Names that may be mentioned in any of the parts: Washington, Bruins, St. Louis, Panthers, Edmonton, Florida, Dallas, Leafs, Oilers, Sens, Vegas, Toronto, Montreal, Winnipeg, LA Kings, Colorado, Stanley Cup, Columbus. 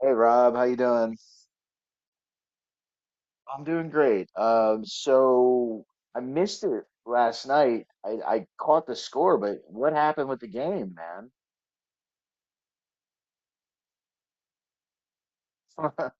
Hey Rob, how you doing? I'm doing great. So I missed it last night. I caught the score, but what happened with the game, man?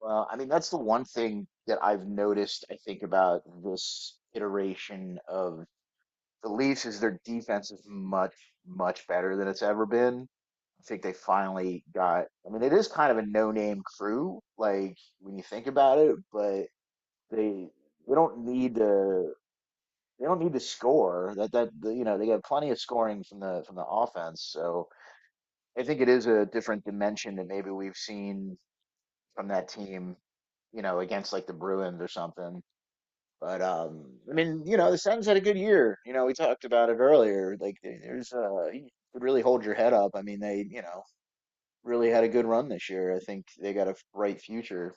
Well, I mean, that's the one thing that I've noticed, I think, about this iteration of the Leafs is their defense is much, much better than it's ever been. I think they finally got, I mean, it is kind of a no-name crew, like when you think about it, but they they don't need to they don't need to score. That you know they got plenty of scoring from the offense. So I think it is a different dimension that maybe we've seen from that team. You know, against like the Bruins or something. But I mean, you know, the Sens had a good year. You know, we talked about it earlier. Like, there's you could really hold your head up. I mean, they you know really had a good run this year. I think they got a bright future.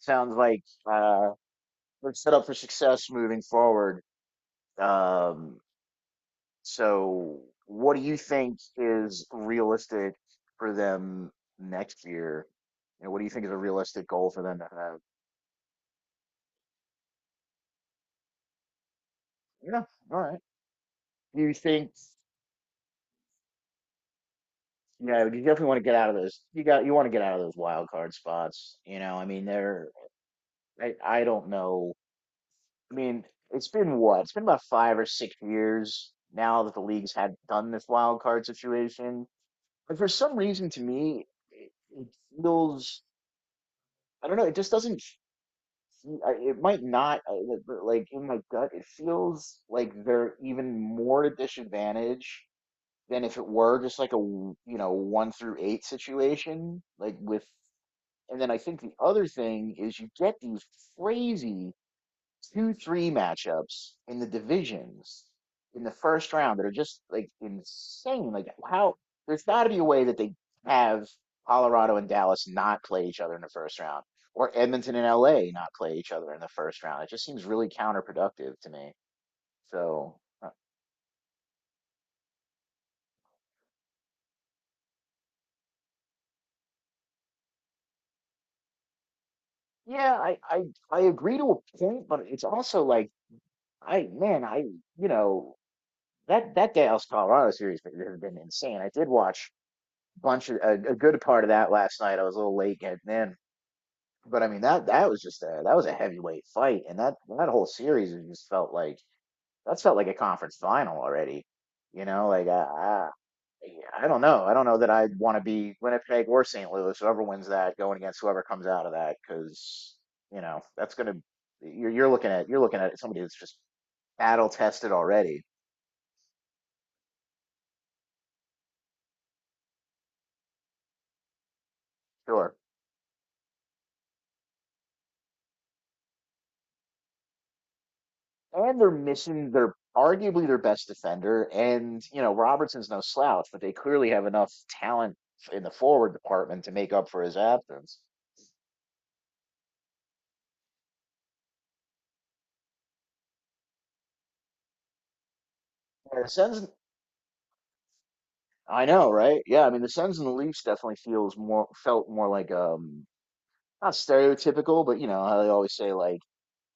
Sounds like uh, they're set up for success moving forward. Um, So what do you think is realistic for them next year? You know, what do you think is a realistic goal for them to have? Yeah, all right. Do you think, you know, you definitely want to get out of those. You got, you want to get out of those wild card spots. You know, I mean, they're, I don't know. I mean, it's been what? It's been about 5 or 6 years now that the leagues had done this wild card situation. But for some reason, to me, it, it feels, I don't know, it just doesn't see, I, it might not. I, but, like in my gut, it feels like they're even more at disadvantage than if it were just like a you know one through eight situation. Like with, and then I think the other thing is you get these crazy two three matchups in the divisions in the first round that are just like insane. Like how there's got to be a way that they have Colorado and Dallas not play each other in the first round, or Edmonton and LA not play each other in the first round. It just seems really counterproductive to me. So yeah, I agree to a point, but it's also like I you know that Dallas Colorado series has been insane. I did watch bunch of a good part of that last night. I was a little late getting in, but I mean that was just a that was a heavyweight fight, and that whole series was just felt like that felt like a conference final already. You know, like I don't know that I'd want to be Winnipeg or St. Louis, whoever wins that, going against whoever comes out of that, because you know that's gonna you're looking at you're looking at somebody that's just battle tested already. Sure. And they're missing their arguably their best defender. And you know Robertson's no slouch, but they clearly have enough talent in the forward department to make up for his absence. Yeah, the Sens, I know, right? Yeah, I mean the Sens and the Leafs definitely feels more felt more like not stereotypical, but you know how they always say like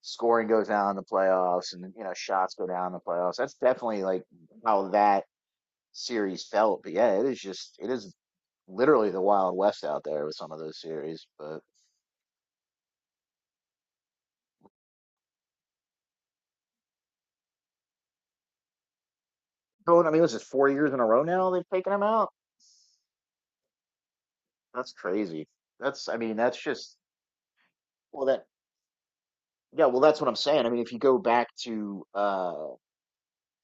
scoring goes down in the playoffs and you know shots go down in the playoffs. That's definitely like how that series felt. But yeah, it is just it is literally the Wild West out there with some of those series, but. Going. I mean, this is 4 years in a row now they've taken him out. That's crazy. That's, I mean, that's just, well, that, yeah, well, that's what I'm saying. I mean, if you go back to,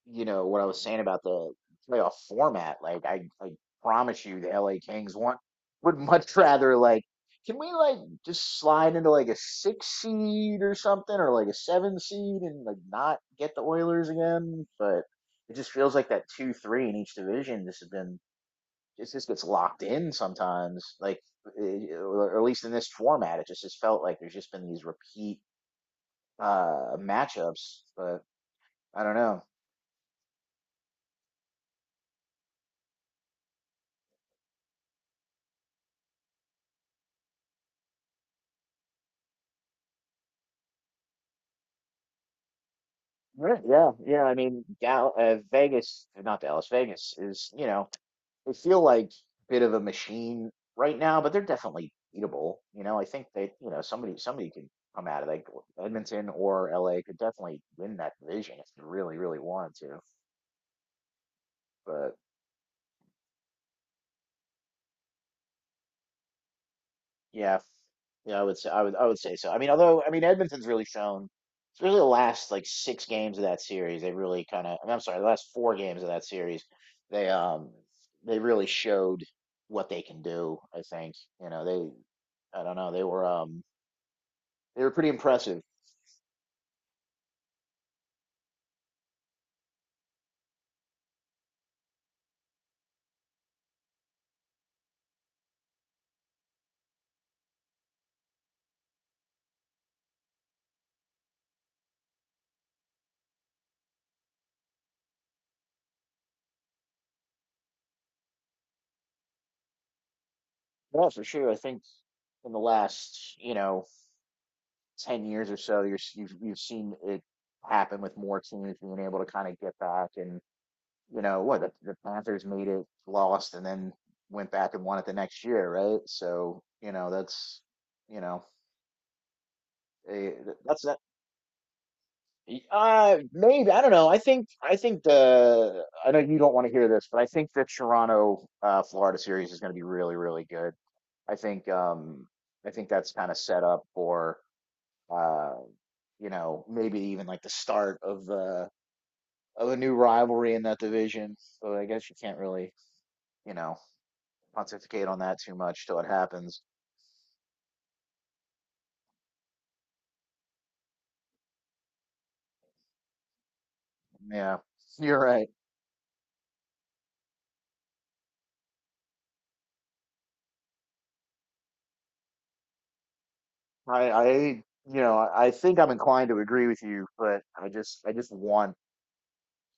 you know, what I was saying about the playoff format, like, I promise you the LA Kings want, would much rather, like, can we, like, just slide into, like, a six seed or something or, like, a seven seed and, like, not get the Oilers again? But, it just feels like that two three in each division. This has been it just gets locked in sometimes. Like, eh, or at least in this format, it just felt like there's just been these repeat matchups. But I don't know. Right, yeah, yeah. I mean, Dal Vegas, not Dallas, Vegas is, you know, they feel like a bit of a machine right now, but they're definitely beatable. You know, I think they, you know, somebody can come out of like Edmonton or LA could definitely win that division if they really, really wanted to. But yeah, yeah, I would say I would say so. I mean, although I mean Edmonton's really shown, it's really the last like six games of that series. They really kind of, I mean, I'm sorry, the last four games of that series, they um they really showed what they can do. I think you know they I don't know they were pretty impressive. Yeah, for sure. I think in the last you know 10 years or so, you've seen it happen with more teams being able to kind of get back and you know what the Panthers made it, lost, and then went back and won it the next year, right? So you know that's you know eh, that's that. Maybe I don't know. I think the I know you don't want to hear this, but I think the Toronto Florida series is going to be really really good. I think um I think that's kind of set up for uh you know maybe even like the start of the of a new rivalry in that division. So I guess you can't really you know pontificate on that too much till it happens. Yeah, you're right. You know, I think I'm inclined to agree with you, I just want,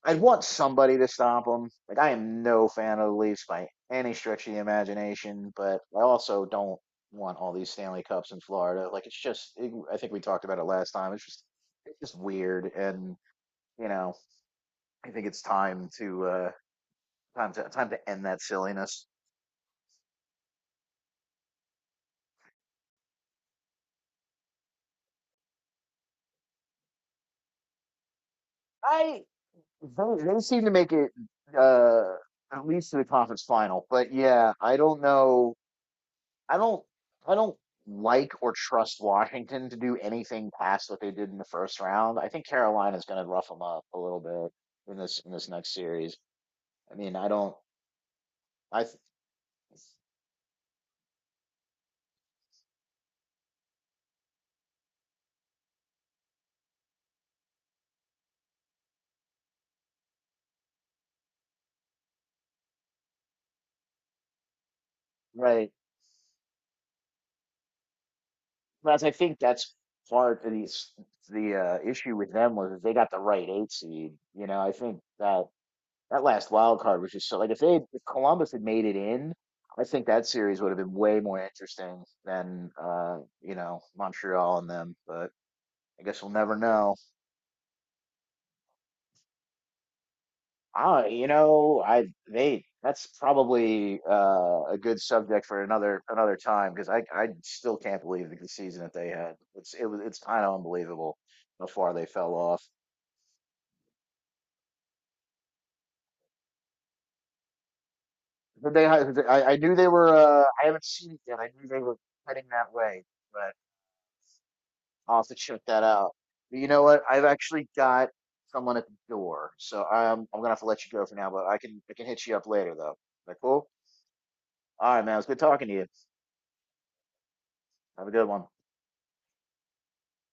I want somebody to stop them. Like I am no fan of the Leafs by any stretch of the imagination, but I also don't want all these Stanley Cups in Florida. Like it's just, it, I think we talked about it last time. It's just weird, and you know, I think it's time to, time to, time to end that silliness. I they seem to make it uh, at least to the conference final. But yeah, I don't know. I don't. I don't like or trust Washington to do anything past what they did in the first round. I think Carolina's going to rough them up a little bit in this next series. I mean, I don't. I right. But I think that's part of the issue with them was they got the right eight seed. You know, I think that that last wild card was just so like if they if Columbus had made it in, I think that series would have been way more interesting than you know, Montreal and them, but I guess we'll never know. Ah, you know, I they that's probably a good subject for another another time because I still can't believe the season that they had. It's it was it's kind of unbelievable how far they fell off. But they I knew they were I haven't seen it yet. I knew they were heading that way, but I'll have to check that out. But you know what? I've actually got someone at the door, so I'm gonna have to let you go for now. But I can hit you up later though. Is that cool? All right, man. It was good talking to you. Have a good one.